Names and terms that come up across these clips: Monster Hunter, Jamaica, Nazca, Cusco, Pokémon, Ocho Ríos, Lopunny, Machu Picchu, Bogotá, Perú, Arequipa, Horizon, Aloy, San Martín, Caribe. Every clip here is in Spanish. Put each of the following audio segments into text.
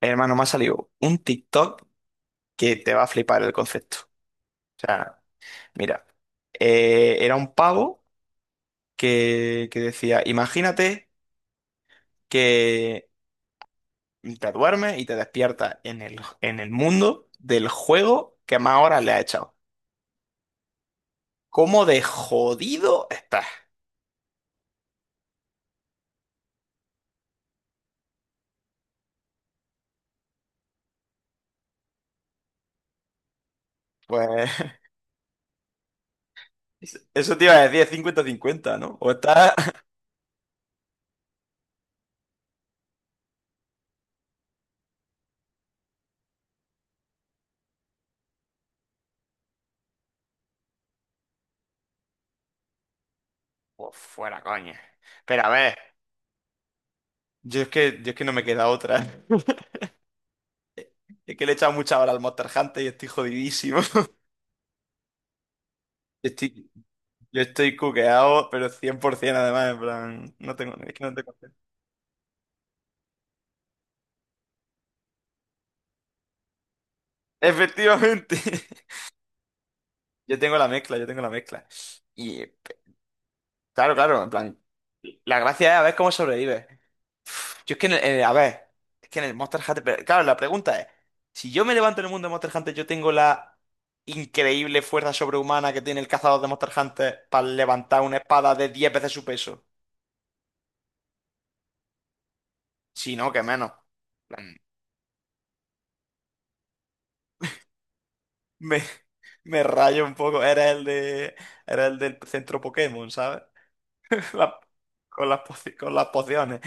Hermano, me ha salido un TikTok que te va a flipar el concepto. O sea, mira, era un pavo que decía, imagínate que te duermes y te despiertas en el mundo del juego que más horas le has echado. ¿Cómo de jodido estás? Pues eso te iba a decir, es cincuenta 50, ¿no? O estás... Pues fuera, coña. Pero a ver, yo es que no me queda otra. Es que le he echado mucha hora al Monster Hunter y estoy jodidísimo. Yo estoy, yo estoy cuqueado, pero 100% además, en plan, no tengo, es que no tengo... Efectivamente, yo tengo la mezcla, yo tengo la mezcla. Y claro, claro, en plan, la gracia es a ver cómo sobrevives. Yo es que, a ver, es que en el Monster Hunter, pero claro, la pregunta es, si yo me levanto en el mundo de Monster Hunter, yo tengo la increíble fuerza sobrehumana que tiene el cazador de Monster Hunter para levantar una espada de 10 veces su peso. Si no, que menos. Me, me rayo un poco. Era el del centro Pokémon, ¿sabes? La- con las, con las pociones.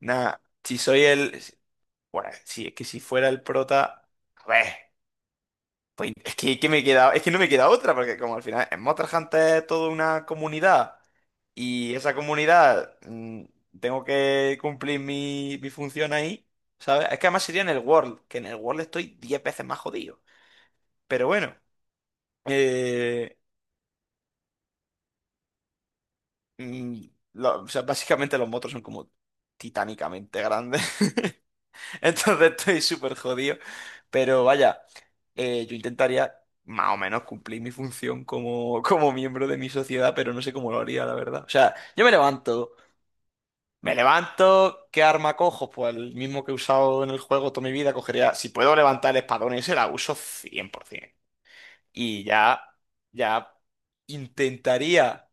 Nada, si soy el. Bueno, si es que si fuera el prota. A ver, pues es que me queda, es que no me queda otra, porque como al final en Monster Hunter es toda una comunidad. Y esa comunidad, tengo que cumplir mi función ahí, ¿sabes? Es que además sería en el World, que en el World estoy 10 veces más jodido. Pero bueno. eh, Mm, o sea, básicamente los motos son como titánicamente grandes. Entonces estoy súper jodido. Pero vaya, yo intentaría más o menos cumplir mi función como miembro de mi sociedad, pero no sé cómo lo haría, la verdad. O sea, yo me levanto. Me levanto, ¿qué arma cojo? Pues el mismo que he usado en el juego toda mi vida, cogería, si puedo levantar el espadón ese, la uso 100%. Y ya intentaría.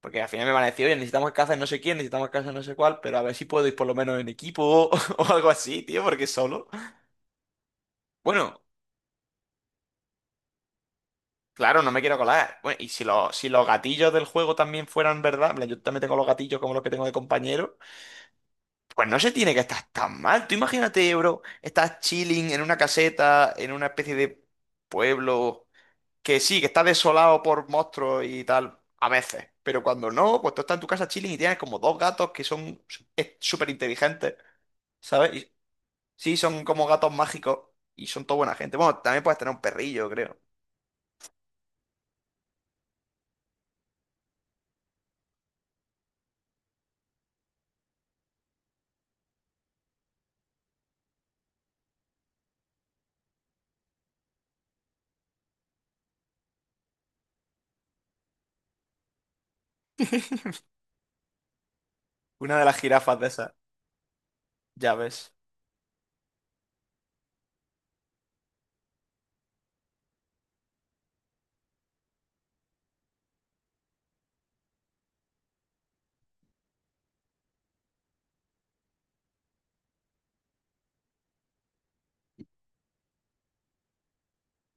Porque al final me van a decir, oye, necesitamos casa en no sé quién, necesitamos casa en no sé cuál, pero a ver si puedo ir por lo menos en equipo o, algo así, tío, porque solo. Bueno, claro, no me quiero colar. Bueno, y si, los si los gatillos del juego también fueran verdad, en plan, yo también tengo los gatillos como los que tengo de compañero, pues no se tiene que estar tan mal. Tú imagínate, bro, estás chilling en una caseta, en una especie de pueblo, que sí, que está desolado por monstruos y tal, a veces. Pero cuando no, pues tú estás en tu casa chilling y tienes como dos gatos que son súper inteligentes. ¿Sabes? Sí, son como gatos mágicos y son toda buena gente. Bueno, también puedes tener un perrillo, creo. Una de las jirafas de esas, ya ves.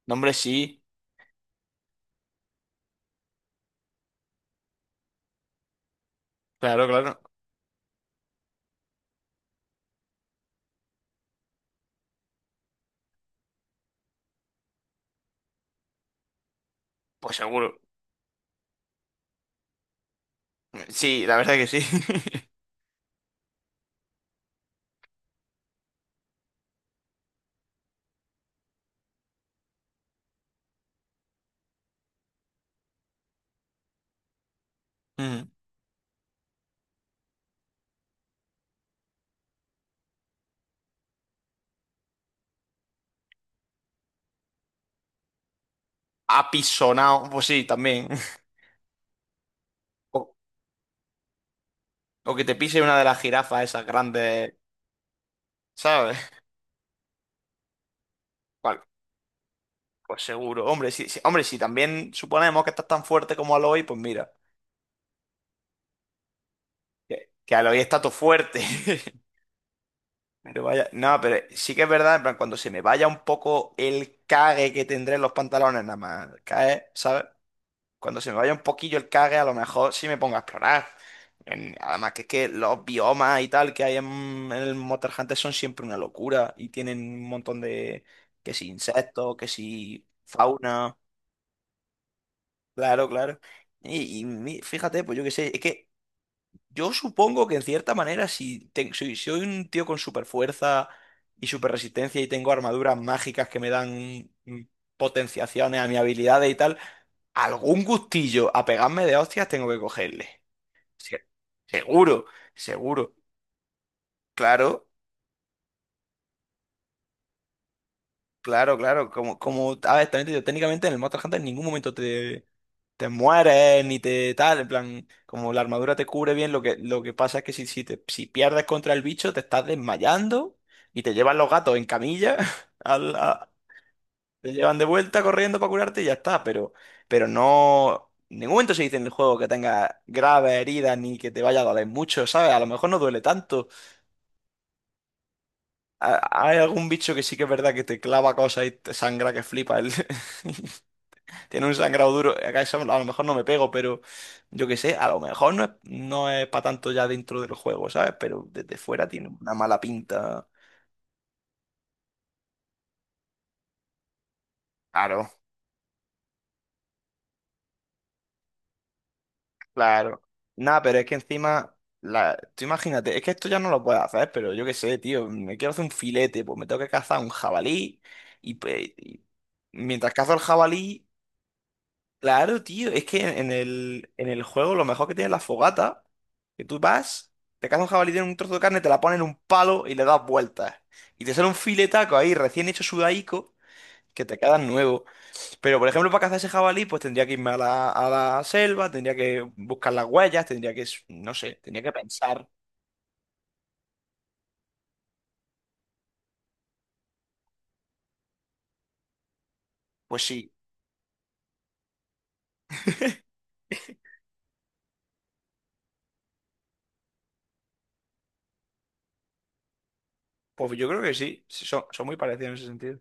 No, hombre, sí. Claro, claro. Pues seguro. Sí, la verdad que sí. Mm. Apisonado, pues sí, también. O, o que te pise una de las jirafas esas grandes, ¿sabes? Vale, pues seguro. Hombre, sí, sí. Hombre, si también suponemos que estás tan fuerte como Aloy, pues mira, que Aloy está todo fuerte. Pero vaya, no, pero sí que es verdad, en plan, cuando se me vaya un poco el cague que tendré en los pantalones, nada más cae, ¿sabes? Cuando se me vaya un poquillo el cague, a lo mejor sí me pongo a explorar. Además que es que los biomas y tal que hay en el Monster Hunter son siempre una locura y tienen un montón de, que si insectos, que si fauna, claro, claro. Y, fíjate, pues yo qué sé, es que yo supongo que en cierta manera, si, si soy un tío con super fuerza y super resistencia y tengo armaduras mágicas que me dan potenciaciones a mis habilidades y tal, algún gustillo a pegarme de hostias tengo que cogerle. Se- Seguro, seguro. Claro, claro, claro. Como, a ver, también te digo, técnicamente en el Monster Hunter en ningún momento te mueres ni te tal, en plan, como la armadura te cubre bien, lo que pasa es que si pierdes contra el bicho te estás desmayando y te llevan los gatos en camilla, al- a- te llevan de vuelta corriendo para curarte y ya está, pero, no, en ningún momento se dice en el juego que tengas graves heridas ni que te vaya a doler mucho, ¿sabes? A lo mejor no duele tanto. Hay algún bicho que sí que es verdad que te clava cosas y te sangra que flipa el... Tiene un sangrado duro. Acá eso a lo mejor no me pego, pero yo qué sé, a lo mejor no es para tanto ya dentro del juego, ¿sabes? Pero desde fuera tiene una mala pinta. Claro, claro. Nada, pero es que encima, la... tú imagínate, es que esto ya no lo puedes hacer, pero yo qué sé, tío, me quiero hacer un filete, pues me tengo que cazar un jabalí y, pues, y mientras cazo el jabalí. Claro, tío, es que en el juego lo mejor que tiene es la fogata, que tú vas, te cazas un jabalí, tiene un trozo de carne, te la pones en un palo y le das vueltas. Y te sale un filetaco ahí, recién hecho sudaico, que te queda nuevo. Pero, por ejemplo, para cazar ese jabalí, pues tendría que irme a la selva, tendría que buscar las huellas, tendría que, no sé, tendría que pensar. Pues sí, pues yo creo que sí, sí, son muy parecidos en ese sentido.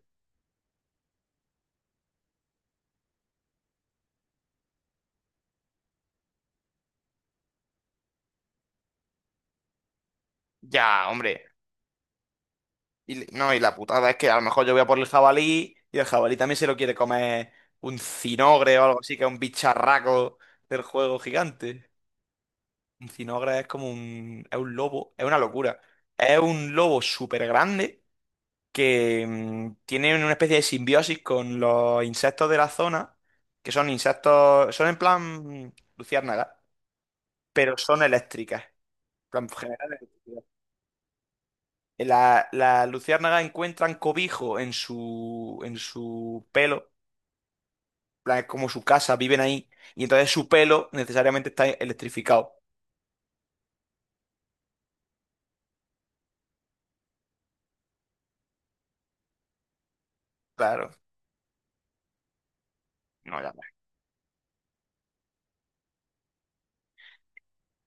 Ya, hombre. Y, no, y la putada es que a lo mejor yo voy a por el jabalí y el jabalí también se lo quiere comer un cinogre o algo así, que es un bicharraco del juego gigante. Un cinogre es como un... es un lobo, es una locura. Es un lobo súper grande que tiene una especie de simbiosis con los insectos de la zona, que son insectos, son en plan luciérnagas, pero son eléctricas. En plan, general, la luciérnaga encuentran cobijo en su pelo, en plan, es como su casa, viven ahí, y entonces su pelo necesariamente está electrificado. Claro. No, ya.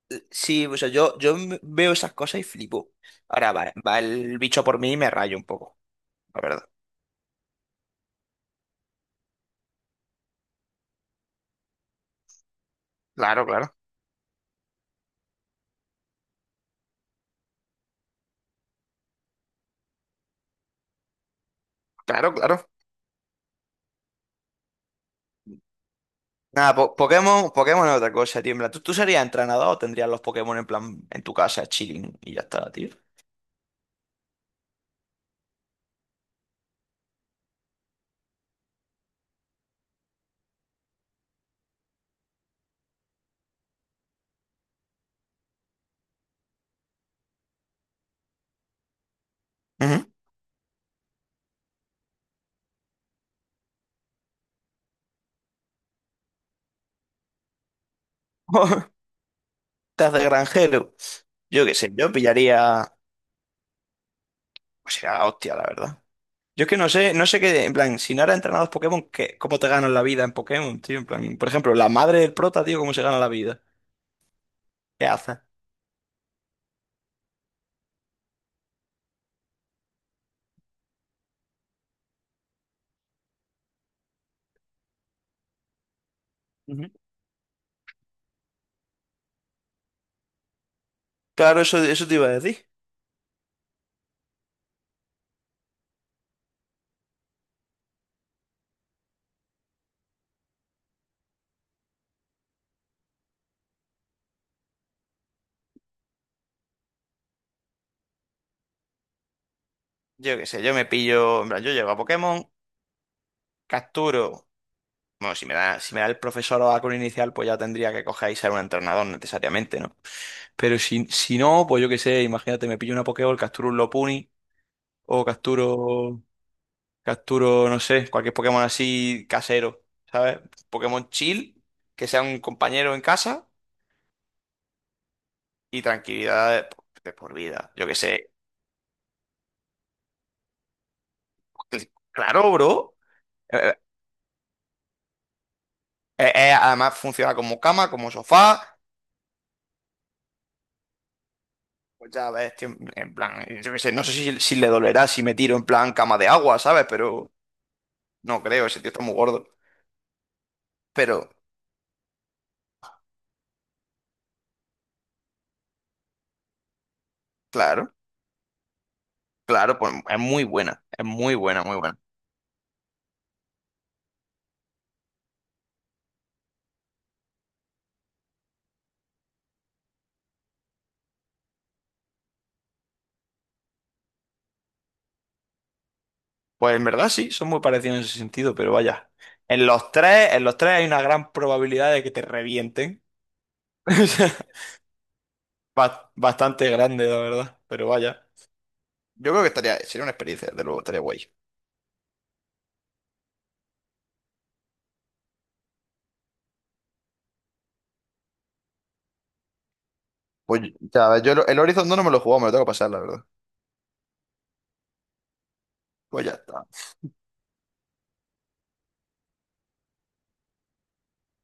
Ves. Sí, o sea, yo veo esas cosas y flipo. Ahora va el bicho por mí y me rayo un poco, la verdad. Claro, claro. Claro, claro. Nada, Pokémon, Pokémon es otra cosa, tío. En plan, ¿tú serías entrenador o tendrías los Pokémon en plan en tu casa, chilling y ya está, tío? Ujú. Estás de granjero. Yo qué sé, yo pillaría. O sea, la hostia, la verdad. Yo es que no sé, no sé qué, en plan, si no eras entrenador Pokémon, ¿qué, cómo te ganas la vida en Pokémon, tío? En plan, por ejemplo, la madre del prota, tío, ¿cómo se gana la vida? ¿Qué hace? Ujú. Claro, eso te iba a decir. Yo qué sé, yo me pillo, en plan, yo llego a Pokémon, capturo. Bueno, si me da el profesor o con inicial, pues ya tendría que coger y ser un entrenador necesariamente, ¿no? Pero si no, pues yo qué sé, imagínate, me pillo una Pokéball, capturo un Lopunny o capturo. Capturo, no sé, cualquier Pokémon así casero, ¿sabes? Pokémon chill, que sea un compañero en casa y tranquilidad de por vida. Yo qué sé. Claro, bro. Eh, eh, además funciona como cama, como sofá. Pues ya ves, tío, en plan, yo qué sé, no sé si le dolerá si me tiro en plan cama de agua, ¿sabes? Pero no creo, ese tío está muy gordo. Pero, claro, claro, pues es muy buena, muy buena. Pues en verdad sí, son muy parecidos en ese sentido, pero vaya. En los tres hay una gran probabilidad de que te revienten. Bastante grande, la verdad. Pero vaya. Yo creo que estaría, sería una experiencia, desde luego, estaría guay. Pues ya, ves, yo el Horizon no, no me lo he jugado, me lo tengo que pasar, la verdad. Pues ya está.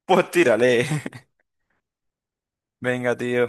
Pues tírale. Venga, tío.